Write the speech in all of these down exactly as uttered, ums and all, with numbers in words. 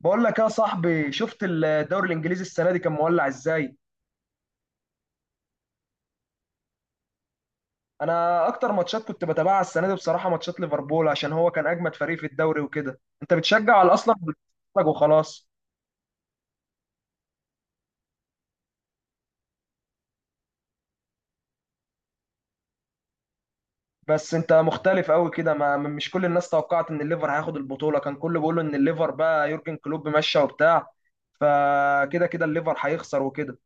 بقول لك يا صاحبي، شفت الدوري الانجليزي السنه دي كان مولع ازاي؟ انا اكتر ماتشات كنت بتابعها السنه دي بصراحه ماتشات ليفربول، عشان هو كان اجمد فريق في الدوري وكده. انت بتشجع على اصلا بتتفرج وخلاص؟ بس انت مختلف قوي كده، ما مش كل الناس توقعت ان الليفر هياخد البطوله، كان كله بيقول ان الليفر بقى يورجن كلوب ماشي وبتاع، فكده كده الليفر هيخسر وكده.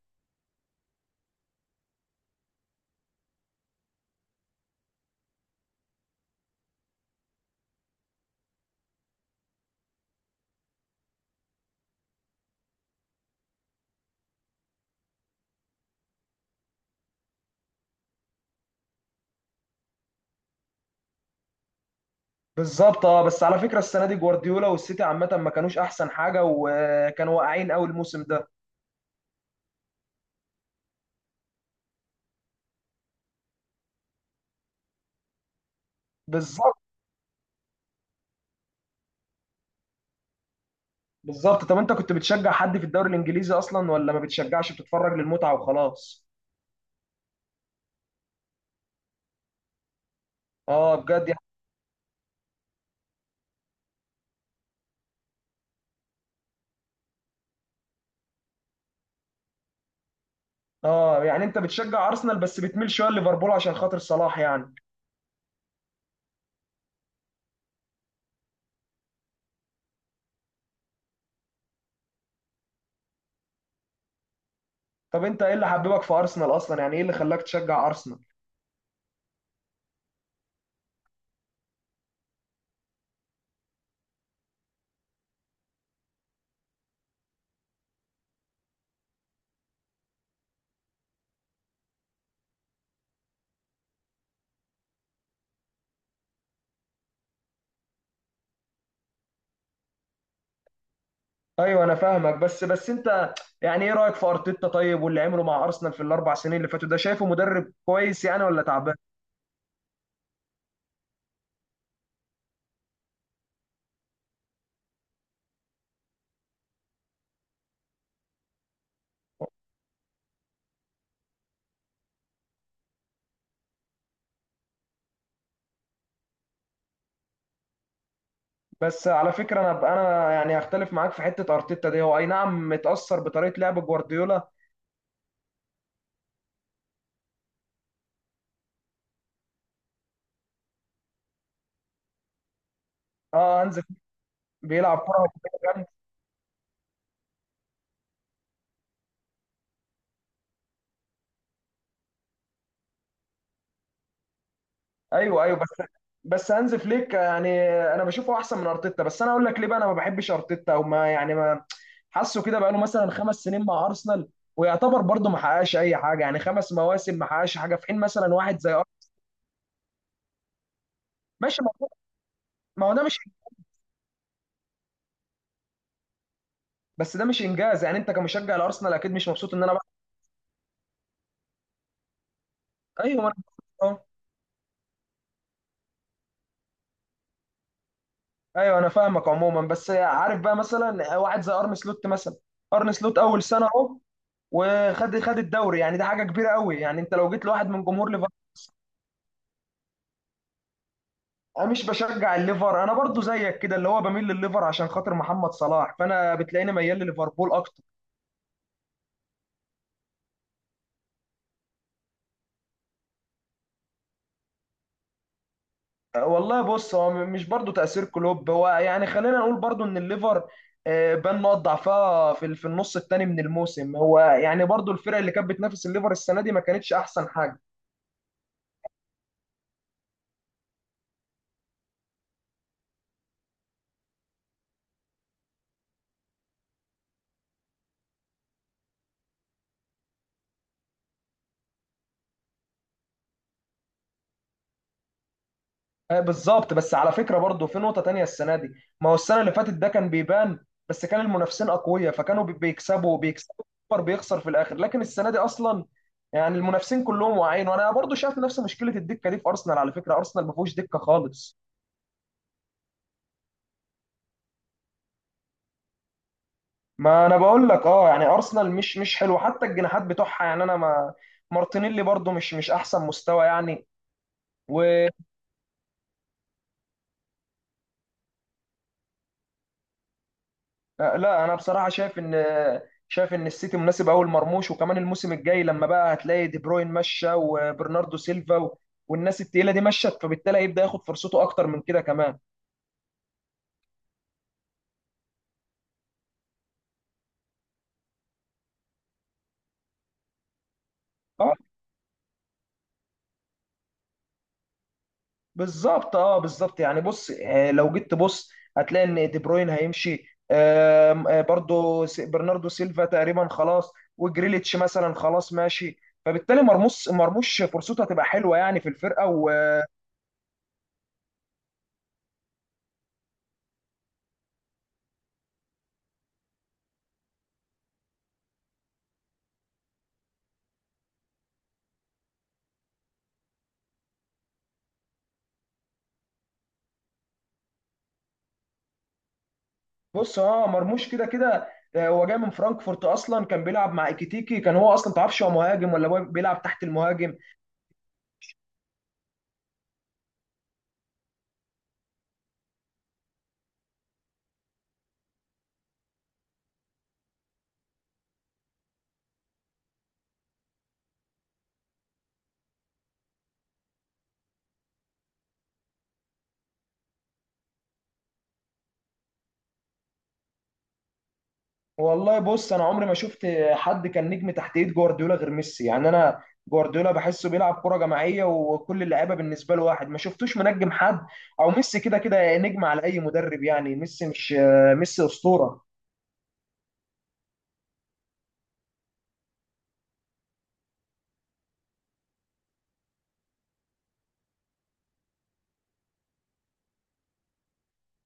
بالظبط، اه، بس على فكره السنه دي جوارديولا والسيتي عامه ما كانوش احسن حاجه وكانوا واقعين قوي الموسم ده. بالظبط. بالظبط، طب انت كنت بتشجع حد في الدوري الانجليزي اصلا، ولا ما بتشجعش بتتفرج للمتعه وخلاص؟ اه بجد يعني. اه، يعني انت بتشجع ارسنال بس بتميل شويه لليفربول عشان خاطر صلاح يعني. طب انت ايه اللي حببك في ارسنال اصلا؟ يعني ايه اللي خلاك تشجع ارسنال؟ ايوه انا فاهمك، بس بس انت يعني ايه رايك في ارتيتا طيب، واللي عمله مع ارسنال في الاربع سنين اللي فاتوا ده، شايفه مدرب كويس يعني ولا تعبان؟ بس على فكره، انا انا يعني هختلف معاك في حته ارتيتا دي، هو اي نعم متاثر بطريقه لعب جوارديولا. اه هانز فليك بيلعب كره هجومية جامدة. ايوه ايوه، بس هانز فليك يعني انا بشوفه احسن من ارتيتا. بس انا اقول لك ليه بقى انا ما بحبش ارتيتا، او ما يعني ما حاسه كده، بقى له مثلا خمس سنين مع ارسنال ويعتبر برضه ما حققش اي حاجه، يعني خمس مواسم ما حققش حاجه، في حين مثلا واحد زي أرسنال ماشي. ما هو ما هو ده مش، بس ده مش انجاز يعني، انت كمشجع الارسنال اكيد مش مبسوط ان انا بقى. ايوه ما انا آه. ايوه انا فاهمك عموما، بس عارف بقى مثلا واحد زي ارن سلوت مثلا، ارن سلوت اول سنه اهو وخد خد الدوري، يعني ده حاجه كبيره قوي، يعني انت لو جيت لواحد من جمهور ليفربول. انا مش بشجع الليفر، انا برضو زيك كده اللي هو بميل للليفر عشان خاطر محمد صلاح، فانا بتلاقيني ميال لليفربول اكتر. أه، والله بص، هو م- مش برضو تأثير كلوب، هو يعني خلينا نقول برضو ان الليفر آه، بان نقط ضعفها في ال- في النص الثاني من الموسم، هو يعني برضو الفرق اللي كانت بتنافس الليفر السنة دي ما كانتش احسن حاجة. آه، بالظبط. بس على فكرة برضو في نقطة تانية السنة دي، ما هو السنة اللي فاتت ده كان بيبان، بس كان المنافسين أقوياء فكانوا بي- بيكسبوا، بيكسبوا السوبر، بيخسر في الآخر. لكن السنة دي أصلا يعني المنافسين كلهم واعيين. وأنا برضو شايف نفس مشكلة الدكة دي في أرسنال، على فكرة أرسنال ما فيهوش دكة خالص. ما أنا بقول لك، أه يعني أرسنال مش مش حلو، حتى الجناحات بتوعها يعني أنا ما، مارتينيلي برضو مش مش أحسن مستوى يعني. و... آه، لا انا بصراحه شايف ان، شايف ان السيتي مناسب قوي لمرموش، وكمان الموسم الجاي لما بقى هتلاقي دي بروين مشى وبرناردو سيلفا و... والناس التقيله دي مشت، فبالتالي هيبدا ياخد فرصته اكتر من كده كمان. اه بالظبط، اه بالظبط، يعني بص آه، لو جيت تبص هتلاقي ان دي بروين هيمشي، آم، آه، برضو س- برناردو سيلفا تقريبا خلاص، وجريليتش مثلا خلاص ماشي، فبالتالي مرموش مرموش فرصته هتبقى حلوه يعني في الفرقه. بص اه مرموش كده كده، آه، هو جاي من فرانكفورت اصلا، كان بيلعب مع ايكيتيكي، كان هو اصلا متعرفش هو مهاجم ولا هو بيلعب تحت المهاجم. والله بص، انا عمري ما شفت حد كان نجم تحت ايد جوارديولا غير ميسي، يعني انا جوارديولا بحسه بيلعب كرة جماعية وكل اللعيبة بالنسبة له واحد، ما شفتوش منجم حد، او ميسي كده كده نجم على اي مدرب، يعني ميسي مش آه، ميسي اسطورة.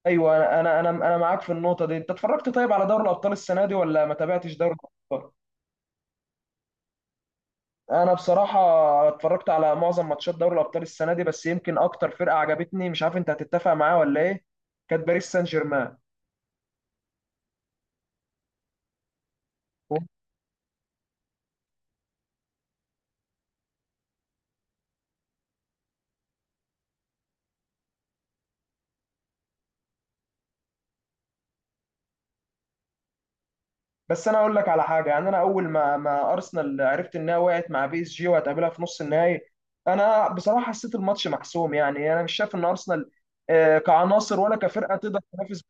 ايوه، انا انا انا أنا معاك في النقطة دي. انت اتفرجت طيب على دوري الابطال السنة دي، ولا ما تابعتش دوري الابطال؟ انا بصراحه اتفرجت على معظم ماتشات دوري الابطال السنه دي، بس يمكن اكتر فرقه عجبتني، مش عارف انت هتتفق معايا ولا ايه، كانت باريس سان جيرمان. بس انا اقول لك على حاجه، يعني انا اول ما ما ارسنال عرفت انها وقعت مع بي اس جي وهتقابلها في نص النهائي، انا بصراحه حسيت الماتش محسوم، يعني انا مش شايف ان ارسنال آه، كعناصر ولا كفرقه تقدر تنافس.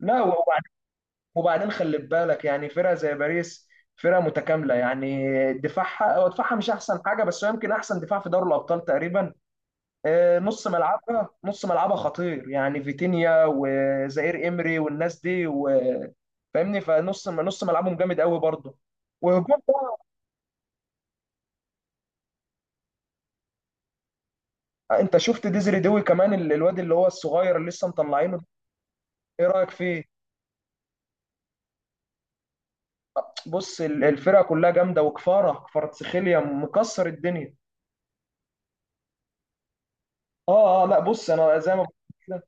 لا وبعد- وبعدين خلي بالك يعني، فرقه زي باريس فرقه متكامله يعني، دفاعها، هو دفاعها مش احسن حاجه، بس هو يمكن احسن دفاع في دوري الابطال تقريبا. آه، نص ملعبها نص ملعبها خطير يعني، فيتينيا وزائر إمري والناس دي و... فاهمني؟ فنص، نص ملعبهم جامد قوي برضه. وهجوم بقى، انت شفت ديزري دوي كمان، ال- الواد اللي هو الصغير اللي لسه مطلعينه ده، ايه رأيك فيه؟ بص ال- الفرقة كلها جامدة، وكفارة، كفاراتسخيليا مكسر الدنيا. اه اه، لا بص انا زي ما بقول كده.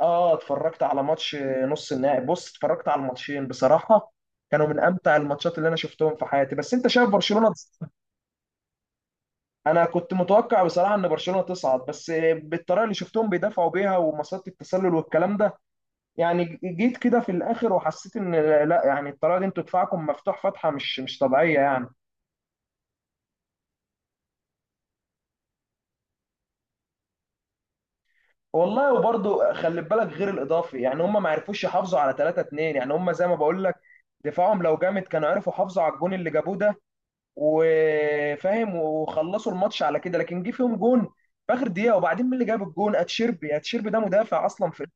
اه اتفرجت على ماتش نص النهائي، بص اتفرجت على الماتشين بصراحة، كانوا من امتع الماتشات اللي انا شفتهم في حياتي. بس انت شايف برشلونة، انا كنت متوقع بصراحه ان برشلونه تصعد، بس بالطريقه اللي شفتهم بيدافعوا بيها ومسات التسلل والكلام ده، يعني جيت كده في الاخر وحسيت ان، لا يعني الطريقه دي انتوا دفاعكم مفتوح فتحه مش مش طبيعيه يعني. والله وبرضه خلي بالك، غير الاضافي يعني، هم ما عرفوش يحافظوا على ثلاثة اثنين، يعني هم زي ما بقول لك دفاعهم لو جامد كانوا عرفوا يحافظوا على الجون اللي جابوه ده وفاهم وخلصوا الماتش على كده. لكن جه فيهم جون في اخر دقيقه، وبعدين مين اللي جاب الجون، اتشيربي، اتشيربي ده مدافع اصلا في،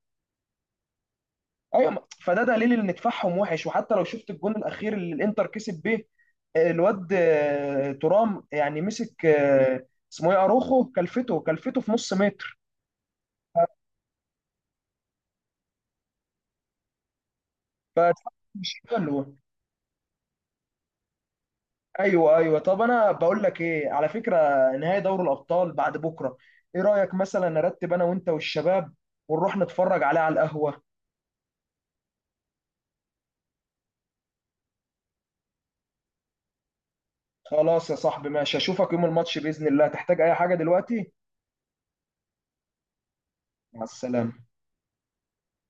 ايوه، ما- فده دليل ان دفاعهم وحش. وحتى لو شفت الجون الاخير اللي الانتر كسب بيه، آه، الواد آه، ترام يعني مسك آه، اسمه ايه، اروخو، كلفته، كلفته في نص متر، ف مش حلو. ايوه ايوه، طب انا بقول لك ايه على فكره، نهائي دوري الابطال بعد بكره، ايه رايك مثلا نرتب انا وانت والشباب ونروح نتفرج عليه على القهوه؟ خلاص يا صاحبي ماشي، اشوفك يوم الماتش باذن الله، تحتاج اي حاجه دلوقتي؟ مع السلامه.